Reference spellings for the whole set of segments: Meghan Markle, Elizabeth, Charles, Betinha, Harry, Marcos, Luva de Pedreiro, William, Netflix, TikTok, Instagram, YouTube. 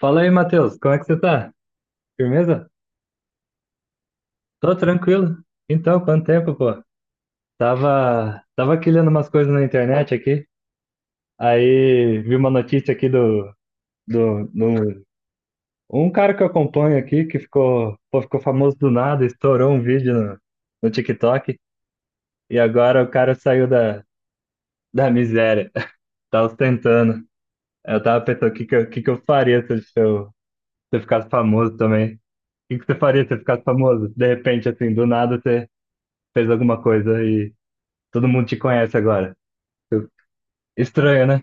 Fala aí, Matheus, como é que você tá? Firmeza? Tô tranquilo. Então, quanto tempo, pô? Tava quilhando umas coisas na internet aqui, aí vi uma notícia aqui do, do- um cara que eu acompanho aqui, que ficou, pô, ficou famoso do nada, estourou um vídeo no TikTok, e agora o cara saiu da miséria, tá ostentando. Eu tava pensando, o que que eu faria se eu ficasse famoso também? O que que você faria se você ficasse famoso? De repente, assim, do nada, você fez alguma coisa e todo mundo te conhece agora. Eu- Estranho, né?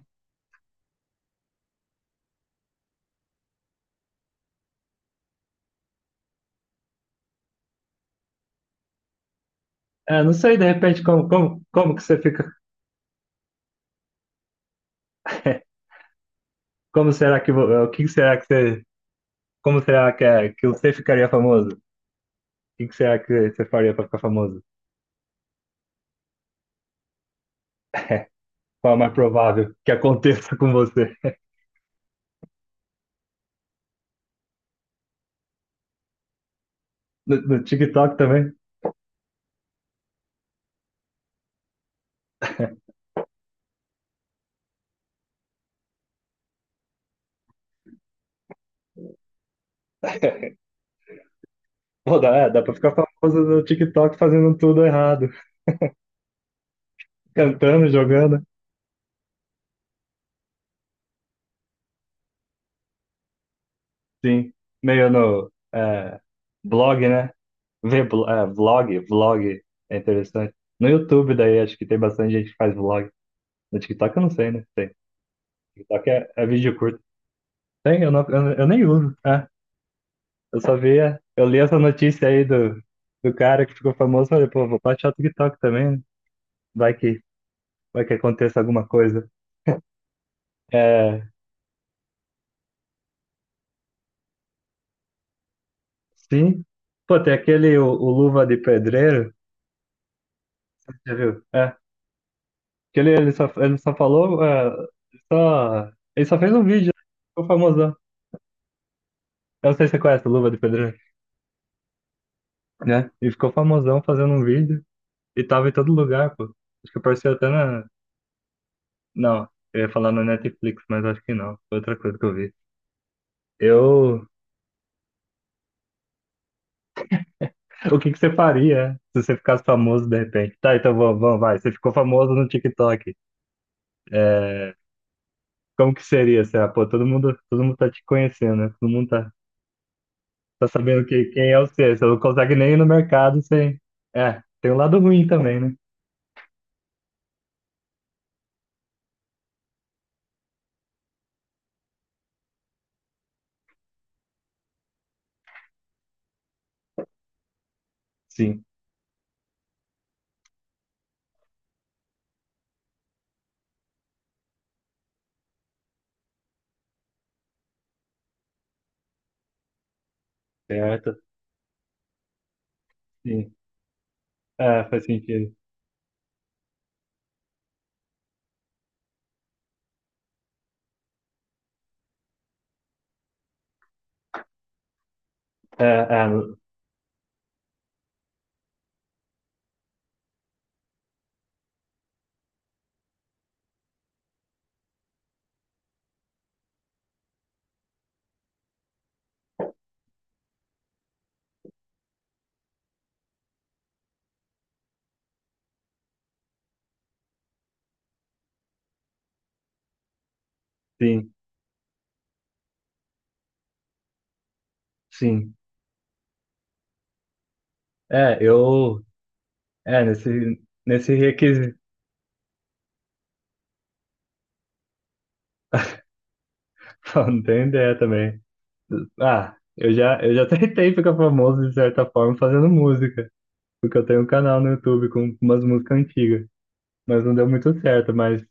É, não sei, de repente, como que você fica. Como será que. Vo- O que será que você. Como será que, que você ficaria famoso? O que que será que você faria para ficar famoso? Qual é o mais provável que aconteça com você? No TikTok também? Pô, dá, é, dá pra ficar famoso no TikTok fazendo tudo errado. Cantando, jogando. Sim. Meio no blog, né? Vlog, vlog é interessante. No YouTube, daí acho que tem bastante gente que faz vlog. No TikTok eu não sei, né? Tem. TikTok é, é vídeo curto. Tem, eu nem uso. É, eu só via, eu li essa notícia aí do cara que ficou famoso, falei, pô, vou baixar o TikTok também, né? Vai que, vai que aconteça alguma coisa. É, sim. Pô, tem aquele, o Luva de Pedreiro, já viu? É, que ele só falou, só, ele só fez um vídeo, né? Ficou famoso. Eu não sei se você conhece o Luva de Pedreiro, né? Ele ficou famosão fazendo um vídeo e tava em todo lugar, pô. Acho que apareceu até na. Não, eu ia falar na Netflix, mas acho que não. Foi outra coisa que eu vi. Eu. O que que você faria se você ficasse famoso de repente? Tá, então vai. Você ficou famoso no TikTok. É... Como que seria? Você, ah, pô, todo mundo tá te conhecendo, né? Tá sabendo quem é você. Você não consegue nem ir no mercado sem. É, tem um lado ruim também, né? Sim, certo. Sim. É, faz sentido. É, é, sim, sim. É, eu. É, nesse, nesse requisito. Pô, não tenho ideia também. Ah, eu já tentei ficar famoso de certa forma fazendo música, porque eu tenho um canal no YouTube com umas músicas antigas, mas não deu muito certo. Mas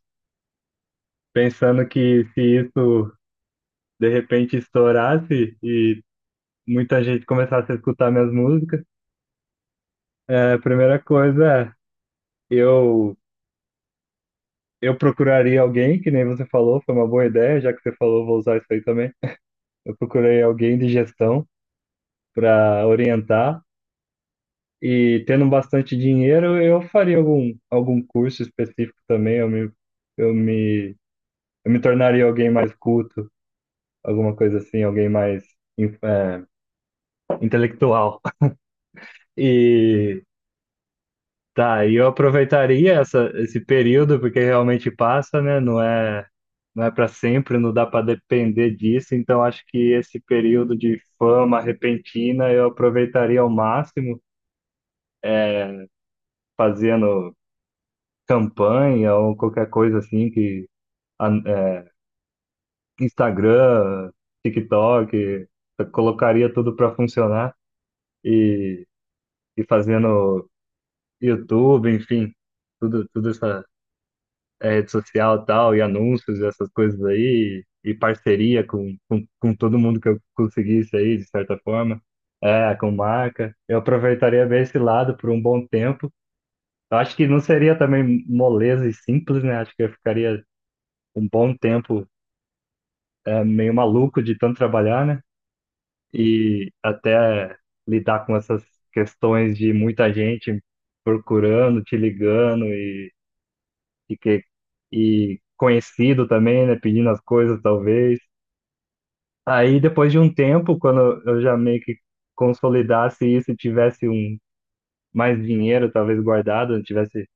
pensando que se isso de repente estourasse e muita gente começasse a escutar minhas músicas, a primeira coisa, eu, eu procuraria alguém, que nem você falou, foi uma boa ideia, já que você falou, vou usar isso aí também. Eu procurei alguém de gestão para orientar e tendo bastante dinheiro, eu faria algum curso específico também. Eu me, eu me tornaria alguém mais culto, alguma coisa assim, alguém mais in- é, intelectual. E tá, e eu aproveitaria essa, esse período porque realmente passa, né? Não é para sempre, não dá para depender disso, então acho que esse período de fama repentina eu aproveitaria ao máximo. É, fazendo campanha ou qualquer coisa assim que a- é, Instagram, TikTok, eu colocaria tudo para funcionar e, e fazendo YouTube, enfim, tudo essa rede social e tal, e anúncios, e essas coisas aí, e parceria com todo mundo que eu conseguisse aí, de certa forma, é, com marca. Eu aproveitaria bem esse lado por um bom tempo. Eu acho que não seria também moleza e simples, né? Acho que eu ficaria um bom tempo meio maluco de tanto trabalhar, né? E até lidar com essas questões de muita gente procurando, te ligando e, que, e conhecido também, né? Pedindo as coisas, talvez. Aí, depois de um tempo, quando eu já meio que consolidasse isso e tivesse um mais dinheiro, talvez guardado, tivesse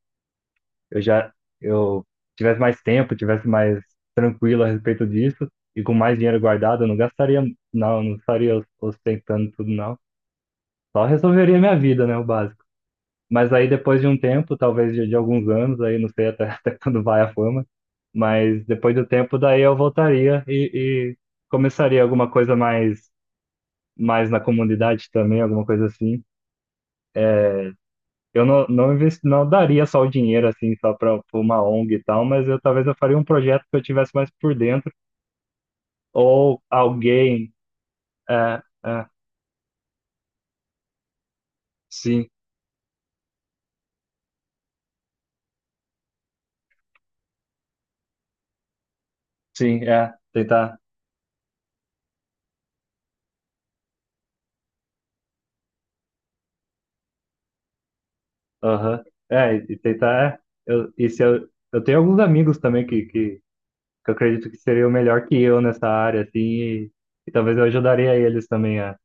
eu já eu tivesse mais tempo, tivesse mais tranquilo a respeito disso e com mais dinheiro guardado, eu não gastaria, não estaria ostentando tudo, não. Só resolveria minha vida, né, o básico. Mas aí depois de um tempo, talvez de alguns anos, aí não sei até, até quando vai a fama, mas depois do tempo, daí eu voltaria e começaria alguma coisa mais na comunidade também, alguma coisa assim. Eu não, não, investi, não daria só o dinheiro, assim, só para uma ONG e tal, mas eu talvez eu faria um projeto que eu tivesse mais por dentro, ou alguém, é, é, sim, sim, é, tentar, aham, é, e tentar, é, eu, e se eu, eu tenho alguns amigos também que eu acredito que seriam melhor que eu nessa área, assim, e talvez eu ajudaria eles também a,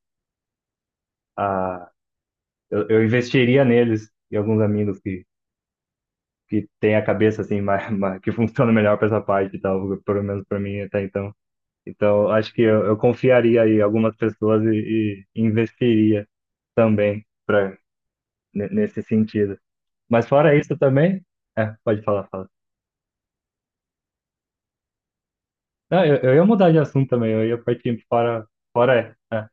a eu investiria neles e alguns amigos que tem a cabeça assim mais, mais- que funciona melhor para essa parte e tal, pelo menos para mim até então. Então, acho que eu confiaria aí em algumas pessoas e investiria também para nesse sentido. Mas fora isso também, é, pode falar, fala. Não, eu ia mudar de assunto também, eu ia partir para fora,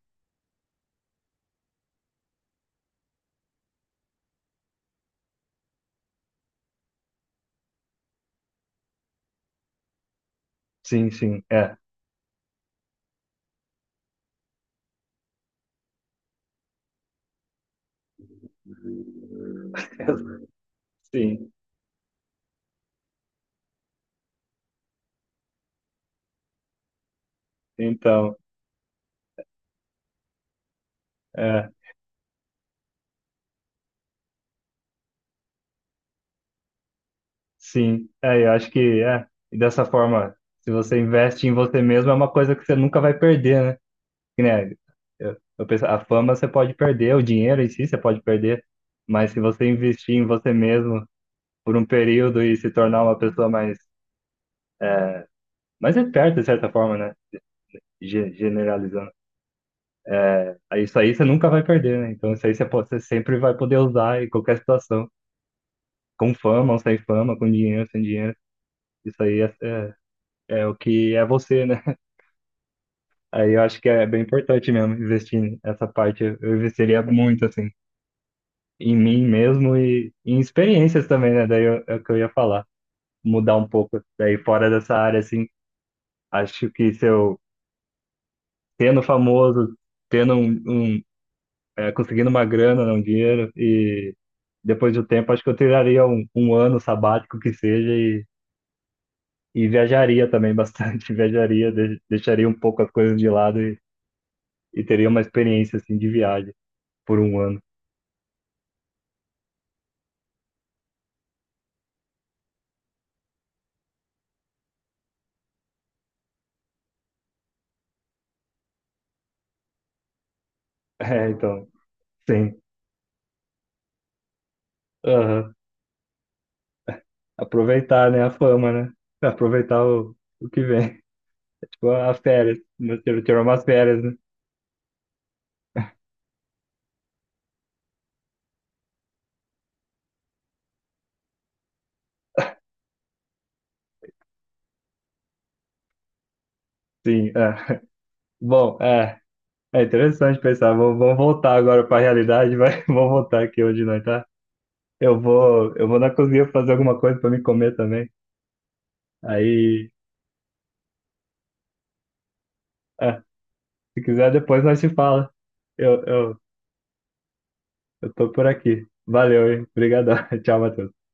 sim, sim, é. Sim, então, é, eu acho que é, e dessa forma, se você investe em você mesmo, é uma coisa que você nunca vai perder, né? Que nem eu penso, a fama você pode perder, o dinheiro em si você pode perder, mas se você investir em você mesmo por um período e se tornar uma pessoa mais, mais esperta, de certa forma, né? Ge- generalizando. É, aí isso aí você nunca vai perder, né? Então isso aí pode, você sempre vai poder usar em qualquer situação, com fama ou sem fama, com dinheiro, sem dinheiro. Isso aí é, é, é o que é você, né? Aí eu acho que é bem importante mesmo investir nessa parte. Eu investiria muito, assim, em mim mesmo e em experiências também, né? É o que eu ia falar, mudar um pouco daí fora dessa área, assim. Acho que se eu tendo famoso, tendo um é, conseguindo uma grana, né, um dinheiro e depois do tempo, acho que eu tiraria um ano sabático que seja e viajaria também bastante, viajaria, deixaria um pouco as coisas de lado e teria uma experiência assim de viagem por um ano. É, então, sim. Aham. Aproveitar, né, a fama, né? Aproveitar o que vem. Tipo, as férias. Tirou umas férias, né? Sim, é. Bom, é. É interessante pensar. Vamos voltar agora para a realidade, vai. Vamos voltar aqui onde nós tá. Eu vou na cozinha fazer alguma coisa para me comer também. Aí, é, se quiser, depois nós se fala. Eu, eu, eu tô por aqui. Valeu, hein? Obrigadão. Tchau, Matheus.